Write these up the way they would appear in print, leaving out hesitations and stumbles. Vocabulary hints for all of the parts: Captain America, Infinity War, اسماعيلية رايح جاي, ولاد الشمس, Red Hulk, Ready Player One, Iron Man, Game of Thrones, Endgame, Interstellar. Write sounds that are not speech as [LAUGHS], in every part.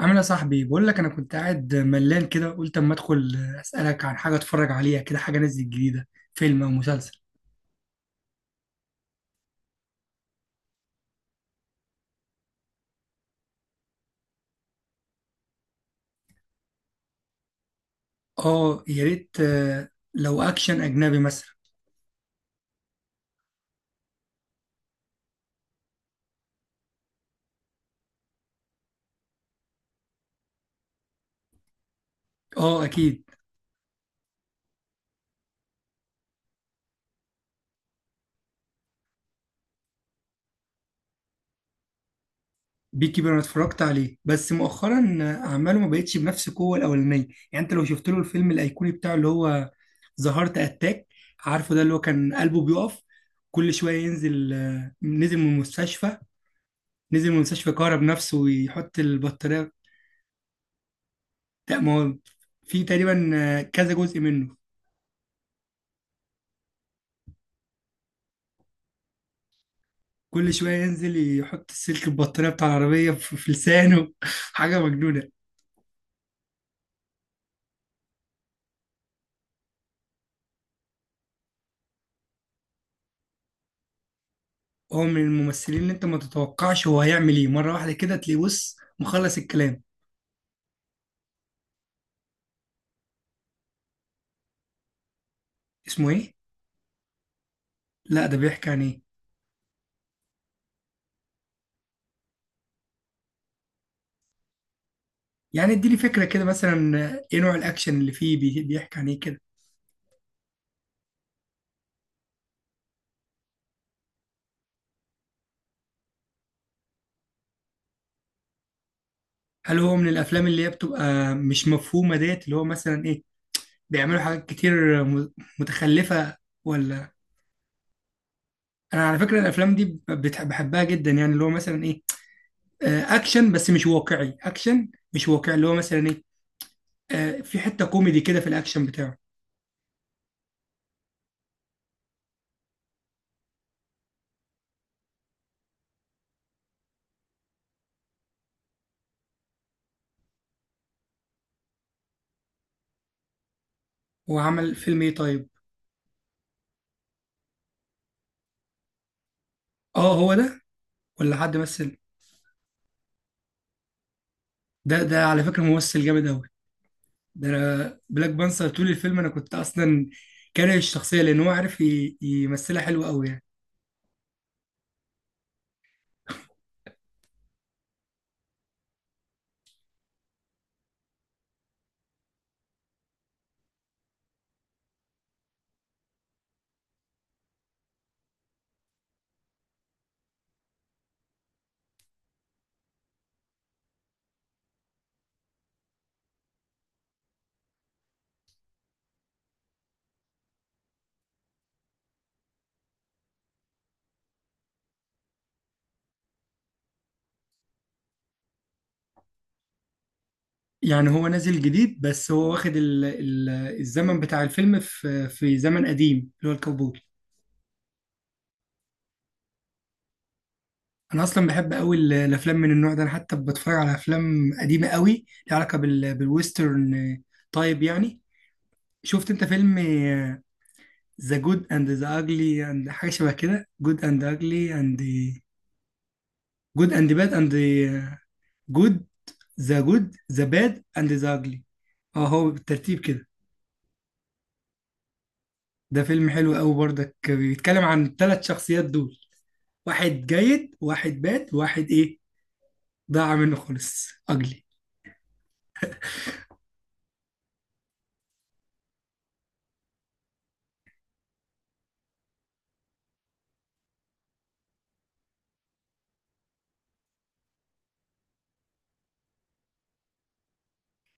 عامل إيه يا صاحبي؟ بقول لك انا كنت قاعد ملان كده، قلت اما ادخل اسالك عن حاجه اتفرج عليها كده. حاجه نزلت جديده، فيلم او مسلسل؟ اه، يا ريت. لو اكشن اجنبي مثلا. اه اكيد. بيكي بير، انا اتفرجت عليه بس مؤخرا. اعماله ما بقتش بنفس القوه الاولانيه، يعني انت لو شفت له الفيلم الايقوني بتاعه اللي هو ظهرت اتاك. عارفه ده اللي هو كان قلبه بيقف كل شويه؟ ينزل، نزل من المستشفى، كهرب نفسه ويحط البطاريه. لا، ما هو في تقريبا كذا جزء منه. كل شوية ينزل يحط السلك البطارية بتاع العربية في لسانه [LAUGHS] حاجة مجنونة. هو من الممثلين اللي انت ما تتوقعش هو هيعمل ايه، مرة واحدة كده تلاقيه بص مخلص الكلام. اسمه ايه؟ لا ده بيحكي عن ايه؟ يعني اديني فكرة كده مثلا، ايه نوع الاكشن اللي فيه؟ بيحكي عن ايه كده؟ هل هو من الافلام اللي هي بتبقى مش مفهومة ديت، اللي هو مثلا ايه بيعملوا حاجات كتير متخلفة؟ ولا؟ انا على فكرة الافلام دي بحبها جدا، يعني اللي هو مثلا ايه، اكشن بس مش واقعي، اكشن مش واقعي اللي هو مثلا ايه، في حته كوميدي كده في الاكشن بتاعه. هو عمل فيلم ايه طيب؟ اه هو ده. ولا حد مثل؟ ده على فكره ممثل جامد قوي. ده انا بلاك بانثر طول الفيلم انا كنت اصلا كاره الشخصيه لان هو عارف يمثلها حلو قوي يعني. يعني هو نازل جديد، بس هو واخد ال الزمن بتاع الفيلم في زمن قديم اللي هو الكاوبوي. انا اصلا بحب قوي الافلام من النوع ده، انا حتى بتفرج على افلام قديمه قوي ليها علاقه بالويسترن. طيب يعني، شفت انت فيلم ذا جود اند ذا اجلي اند حاجه شبه كده؟ جود اند اجلي اند، جود اند باد اند، جود، ذا جود ذا باد اند ذا اجلي. اه، هو بالترتيب كده. ده فيلم حلو قوي برضك، بيتكلم عن الثلاث شخصيات دول، واحد جيد واحد باد واحد ايه، ضاع منه خالص، اجلي.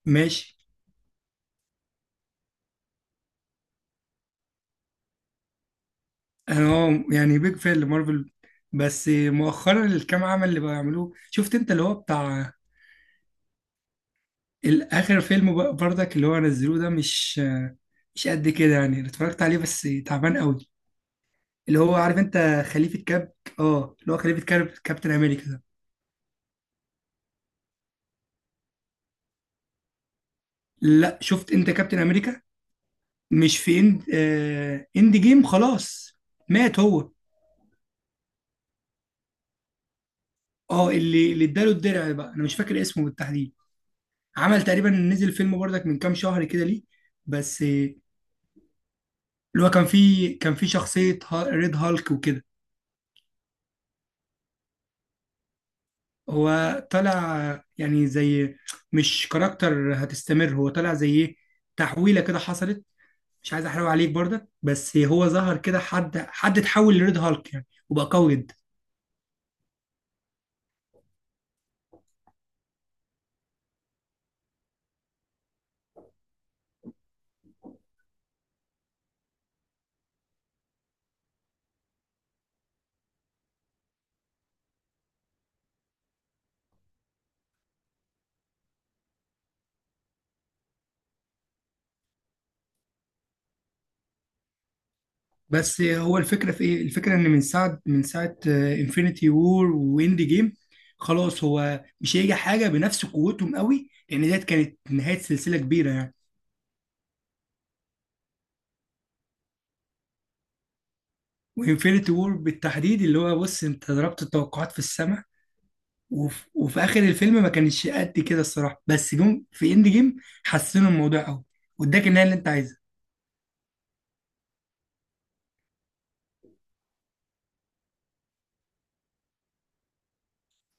ماشي. انا اه يعني بيج فان لمارفل، بس مؤخرا الكام عمل اللي بقوا يعملوه، شفت انت اللي هو بتاع الاخر فيلم برضك اللي هو نزلوه ده مش قد كده، يعني اللي اتفرجت عليه بس تعبان قوي. اللي هو، عارف انت خليفة كاب؟ اه اللي هو خليفة كاب، كابتن امريكا ده. لا، شفت انت كابتن امريكا؟ مش في اند اند جيم، خلاص. مات هو. اه اللي اداله الدرع بقى انا مش فاكر اسمه بالتحديد. عمل تقريبا، نزل فيلم برضك من كام شهر كده، ليه بس اللي هو كان في شخصية ريد هالك وكده. هو طلع يعني زي، مش كاركتر هتستمر، هو طلع زي ايه، تحويلة كده حصلت. مش عايز احرق عليك برضك، بس هو ظهر كده حد اتحول لريد هالك يعني وبقى قوي جدا. بس هو الفكرة في ايه؟ الفكرة ان من ساعة انفينيتي وور واند جيم خلاص هو مش هيجي حاجة بنفس قوتهم قوي، لان ديت كانت نهاية سلسلة كبيرة يعني. وانفينيتي وور بالتحديد اللي هو بص، انت ضربت التوقعات في السماء. وفي اخر الفيلم ما كانش قد كده الصراحه، بس جم في اند جيم حسنوا الموضوع قوي، واداك النهايه اللي انت عايزها.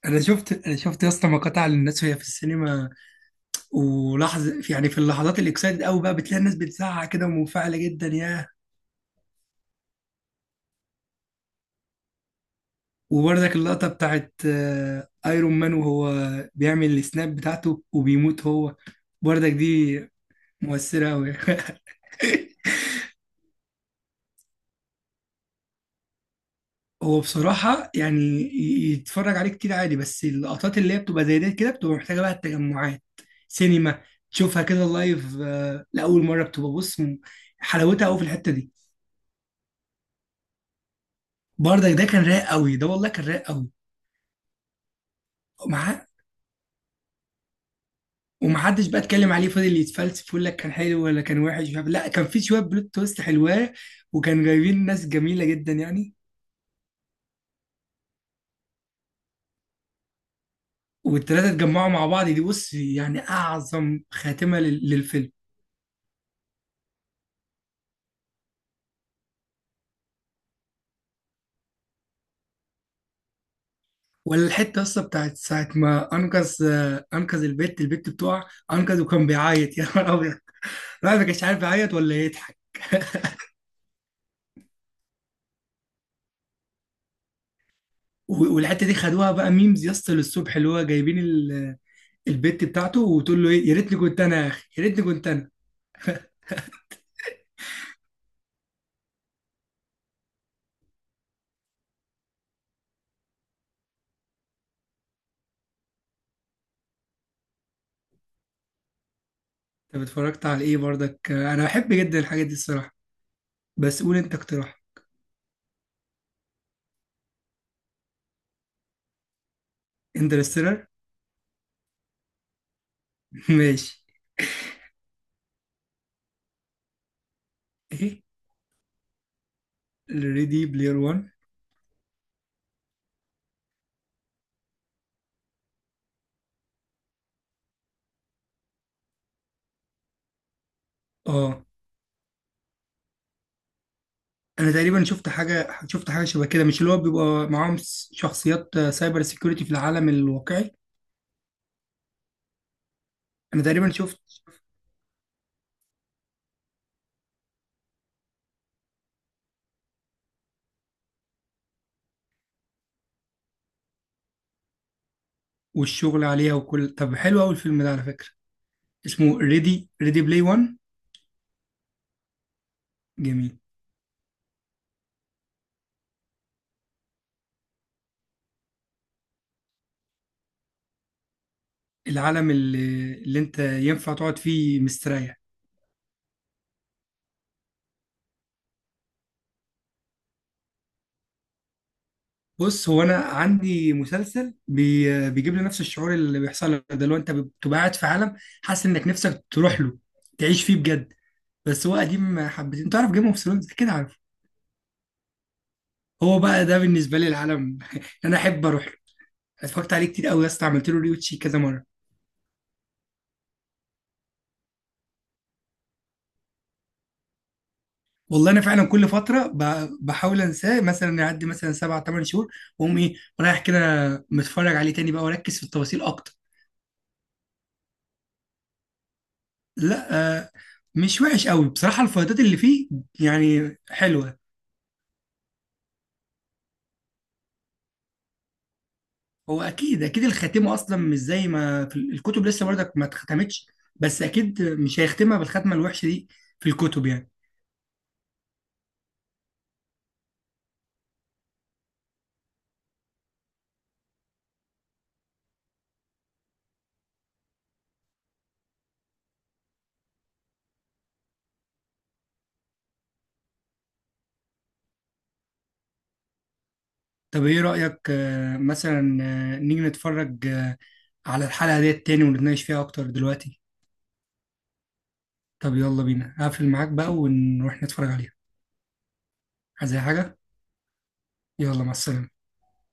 انا شفت يا اسطى مقاطع للناس وهي في السينما، ولحظه يعني في اللحظات الاكسايتد قوي بقى بتلاقي الناس بتزعق كده ومنفعله جدا، ياه. وبرضك اللقطه بتاعت ايرون مان وهو بيعمل السناب بتاعته وبيموت هو، برضك دي مؤثره قوي [LAUGHS] هو بصراحة يعني يتفرج عليه كتير عادي، بس اللقطات اللي هي بتبقى زي دي كده بتبقى محتاجة بقى التجمعات، سينما، تشوفها كده لايف، لأول مرة بتبقى بص حلاوتها قوي في الحتة دي. برضك ده كان رايق قوي، ده والله كان رايق قوي. ومع ومحدش بقى اتكلم عليه، فضل يتفلسف يقول لك كان حلو ولا كان وحش، مش عارف. لا، كان في شوية بلوت تويست حلوة. وكان جايبين ناس جميلة جدا يعني. والتلاتة اتجمعوا مع بعض دي بص يعني أعظم خاتمة للفيلم. ولا الحته اصلا بتاعت ساعه ما انقذ، انقذ، البت بتوع انقذ وكان بيعيط [LAUGHS] يا نهار ابيض. الواحد ما كانش عارف يعيط ولا يضحك. والحته دي خدوها بقى ميمز يا اسطى للصبح، اللي هو جايبين البت بتاعته وتقول له ايه يا ريتني كنت انا، يا اخي يا ريتني كنت انا. طب اتفرجت على ايه برضك؟ انا بحب جدا الحاجات دي الصراحه، بس قول انت اقتراح. انترستيلر؟ [LAUGHS] ماشي. ايه؟ ريدي بلاير 1. اه انا تقريبا شفت حاجه، شبه كده، مش اللي هو بيبقى معاهم شخصيات سايبر سيكيورتي في العالم الواقعي؟ انا تقريبا شفت. والشغل عليها وكل، طب حلو قوي الفيلم ده على فكره. اسمه ريدي بلاي 1. جميل. العالم اللي، انت ينفع تقعد فيه مستريح. بص، هو انا عندي مسلسل بيجيب لي نفس الشعور اللي بيحصل لك ده، اللي هو انت بتبقى قاعد في عالم حاسس انك نفسك تروح له تعيش فيه بجد. بس هو قديم حبتين. تعرف جيم اوف ثرونز كده؟ هو بقى ده بالنسبه لي العالم [LAUGHS] انا احب اروح له. اتفرجت عليه كتير قوي يا اسطى، عملت له ريوتشي كذا مره. والله انا فعلا كل فتره بحاول انساه، مثلا يعدي مثلا سبع ثمان شهور واقوم ايه رايح كده متفرج عليه تاني بقى، واركز في التفاصيل اكتر. لا مش وحش قوي بصراحه، الفايدات اللي فيه يعني حلوه. هو اكيد اكيد الخاتمه اصلا مش زي ما في الكتب لسه برضك ما اتختمتش. بس اكيد مش هيختمها بالختمه الوحشه دي في الكتب يعني. طب ايه رأيك، مثلا نيجي نتفرج على الحلقة ديت تاني ونتناقش فيها اكتر دلوقتي؟ طب يلا بينا، هقفل معاك بقى ونروح نتفرج عليها. عايز اي حاجة؟ يلا مع السلامة.